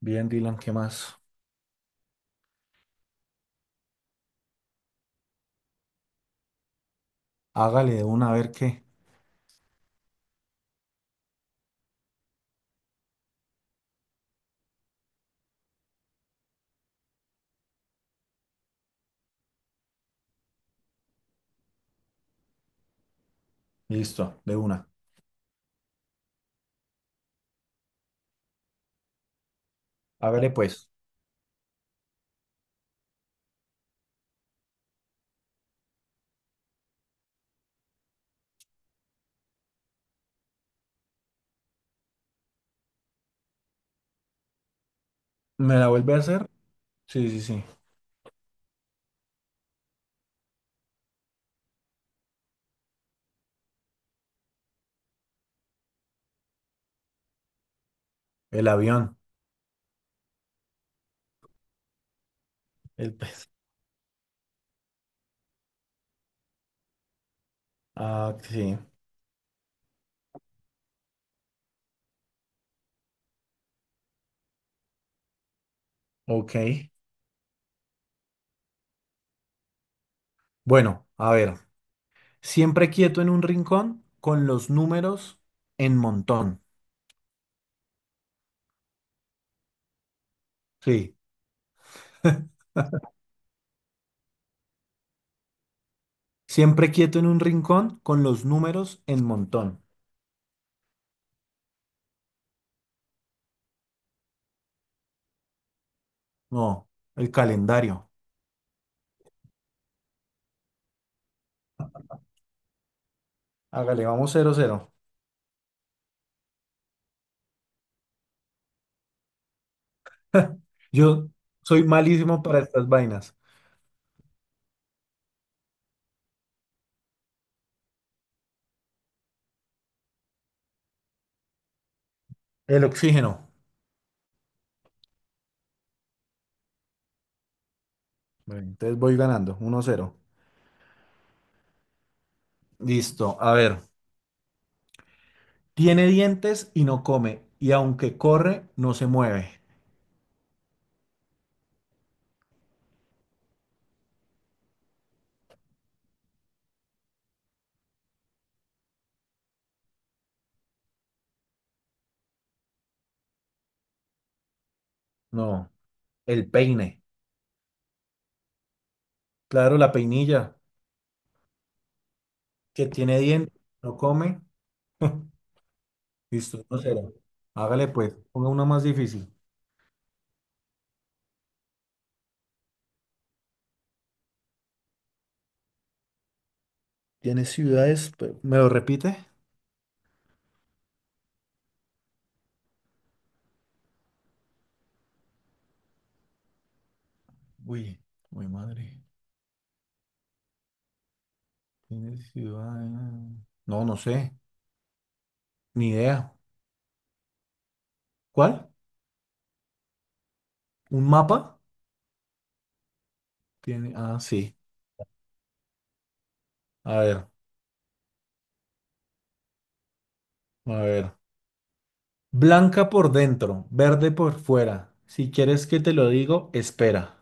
Bien, Dylan, ¿qué más? Hágale de una, a ver qué. Listo, de una. Hágale pues. ¿Me la vuelve a hacer? Sí, sí, sí. El avión. El pez. Ah, sí. Ok. Bueno, a ver. Siempre quieto en un rincón con los números en montón. Sí. Siempre quieto en un rincón con los números en montón. No, el calendario. Hágale, vamos cero, cero. Yo soy malísimo para estas vainas. El oxígeno. Bueno, entonces voy ganando, 1-0. Listo, a ver. Tiene dientes y no come, y aunque corre, no se mueve. No, el peine. Claro, la peinilla, que tiene dientes, no come. Listo, 1-0. Hágale pues, ponga uno más difícil. Tiene ciudades, ¿me lo repite? Uy, uy, madre. Tiene ciudades. No, no sé, ni idea. ¿Cuál? ¿Un mapa? Tiene, ah, sí. A ver, a ver. Blanca por dentro, verde por fuera. Si quieres que te lo digo, espera.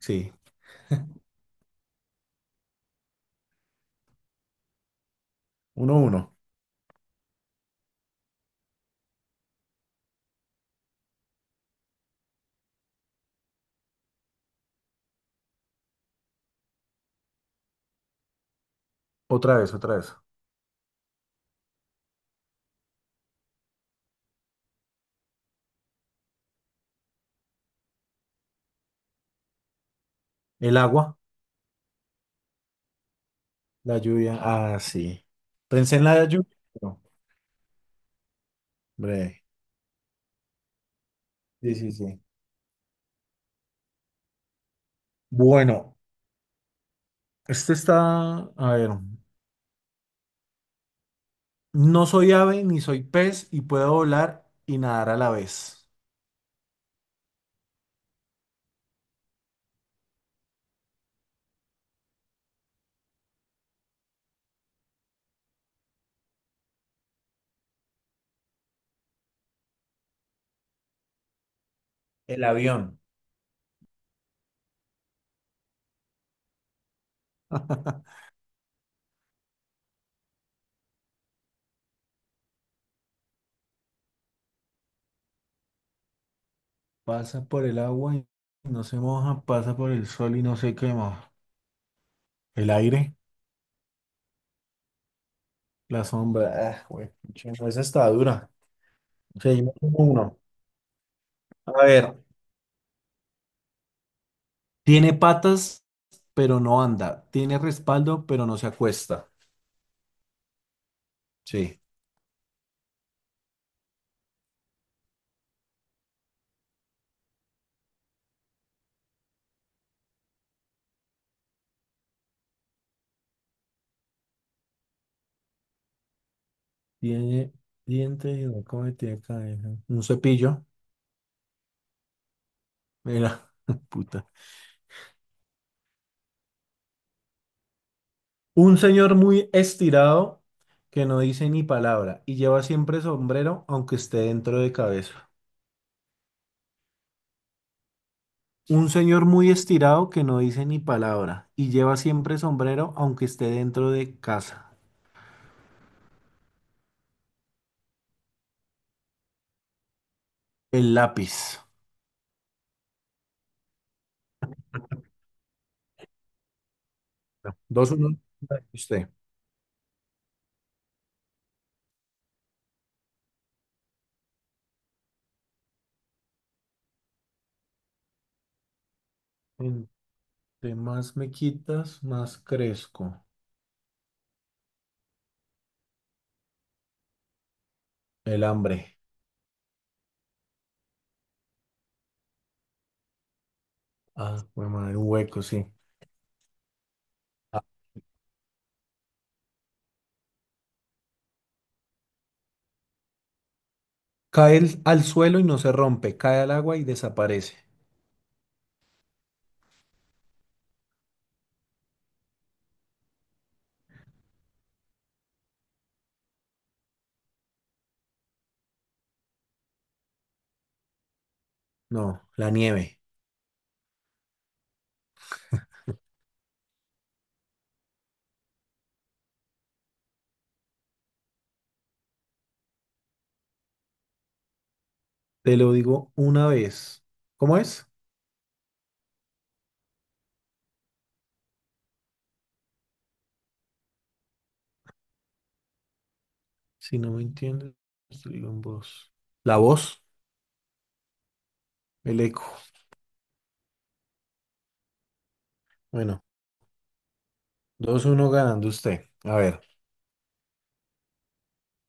Sí, 1-1. Otra vez, otra vez. El agua, la lluvia. Ah, sí. Pensé en la lluvia. Pero, hombre. Sí, sí, sí. Bueno, este está, a ver, no soy ave ni soy pez y puedo volar y nadar a la vez. El avión. Pasa por el agua y no se moja, pasa por el sol y no se quema. El aire. La sombra, ah, güey, pucha, no, esa está dura. Seguimos con uno. A ver, tiene patas, pero no anda. Tiene respaldo, pero no se acuesta. Sí. Tiene dientes y no come, tiene cabeza. Un cepillo. Mira, puta. Un señor muy estirado que no dice ni palabra y lleva siempre sombrero, aunque esté dentro de cabeza. Un señor muy estirado que no dice ni palabra y lleva siempre sombrero, aunque esté dentro de casa. El lápiz. 2-1, 1 usted. Entre más me quitas, más crezco. El hambre. Ah, bueno, madre, un hueco, sí. Ah. Al suelo y no se rompe, cae al agua y desaparece. No, la nieve. Te lo digo una vez. ¿Cómo es? Si no me entiendes, te lo digo en voz. La voz, el eco. Bueno, 2-1 ganando usted. A ver.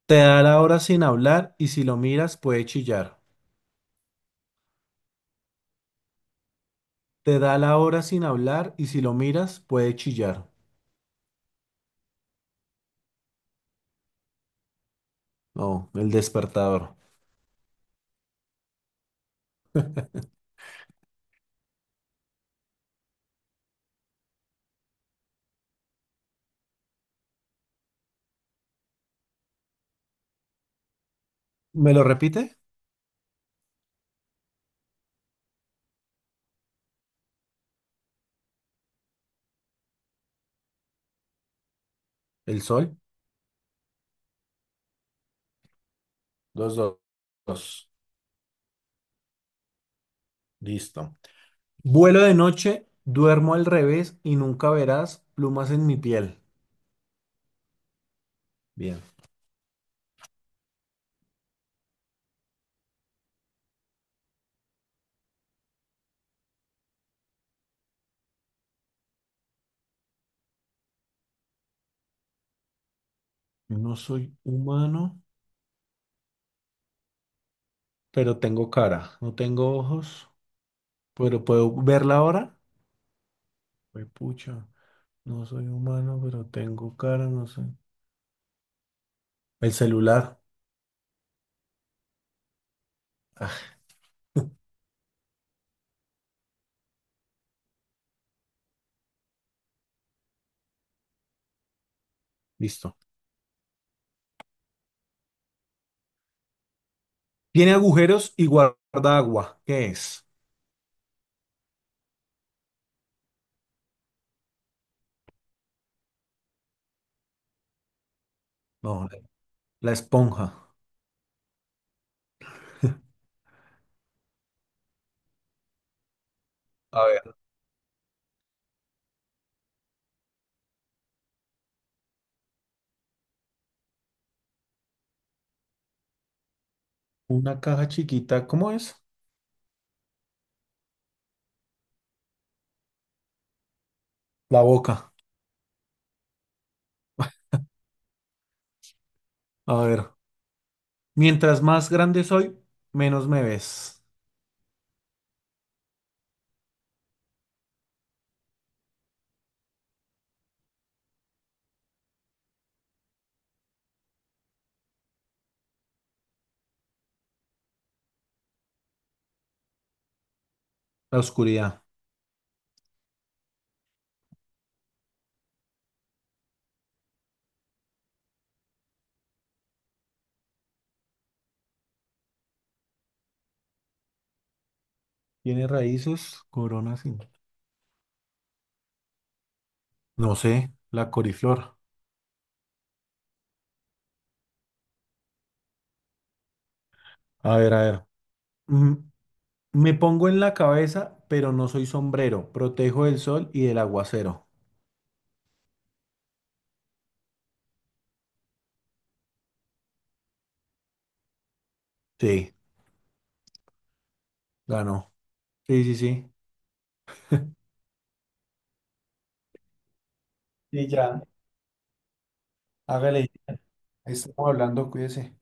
Te da la hora sin hablar y si lo miras puede chillar. Te da la hora sin hablar y si lo miras puede chillar. No, el despertador. ¿Me lo repite? El sol. Dos, dos, dos. Listo. Vuelo de noche, duermo al revés y nunca verás plumas en mi piel. Bien. No soy humano, pero tengo cara. No tengo ojos, pero puedo verla ahora. Pues pucha. No soy humano, pero tengo cara, no sé. El celular. Listo. Tiene agujeros y guarda agua. ¿Qué es? No, la esponja. A ver. Una caja chiquita, ¿cómo es? La boca. A ver. Mientras más grande soy, menos me ves. La oscuridad. Tiene raíces, coronas y... No sé, la coriflor. A ver, a ver. Mm, me pongo en la cabeza, pero no soy sombrero. Protejo del sol y del aguacero. Sí, ganó. Sí, sí, sí. Sí ya, hágale. Ahí estamos hablando, cuídese.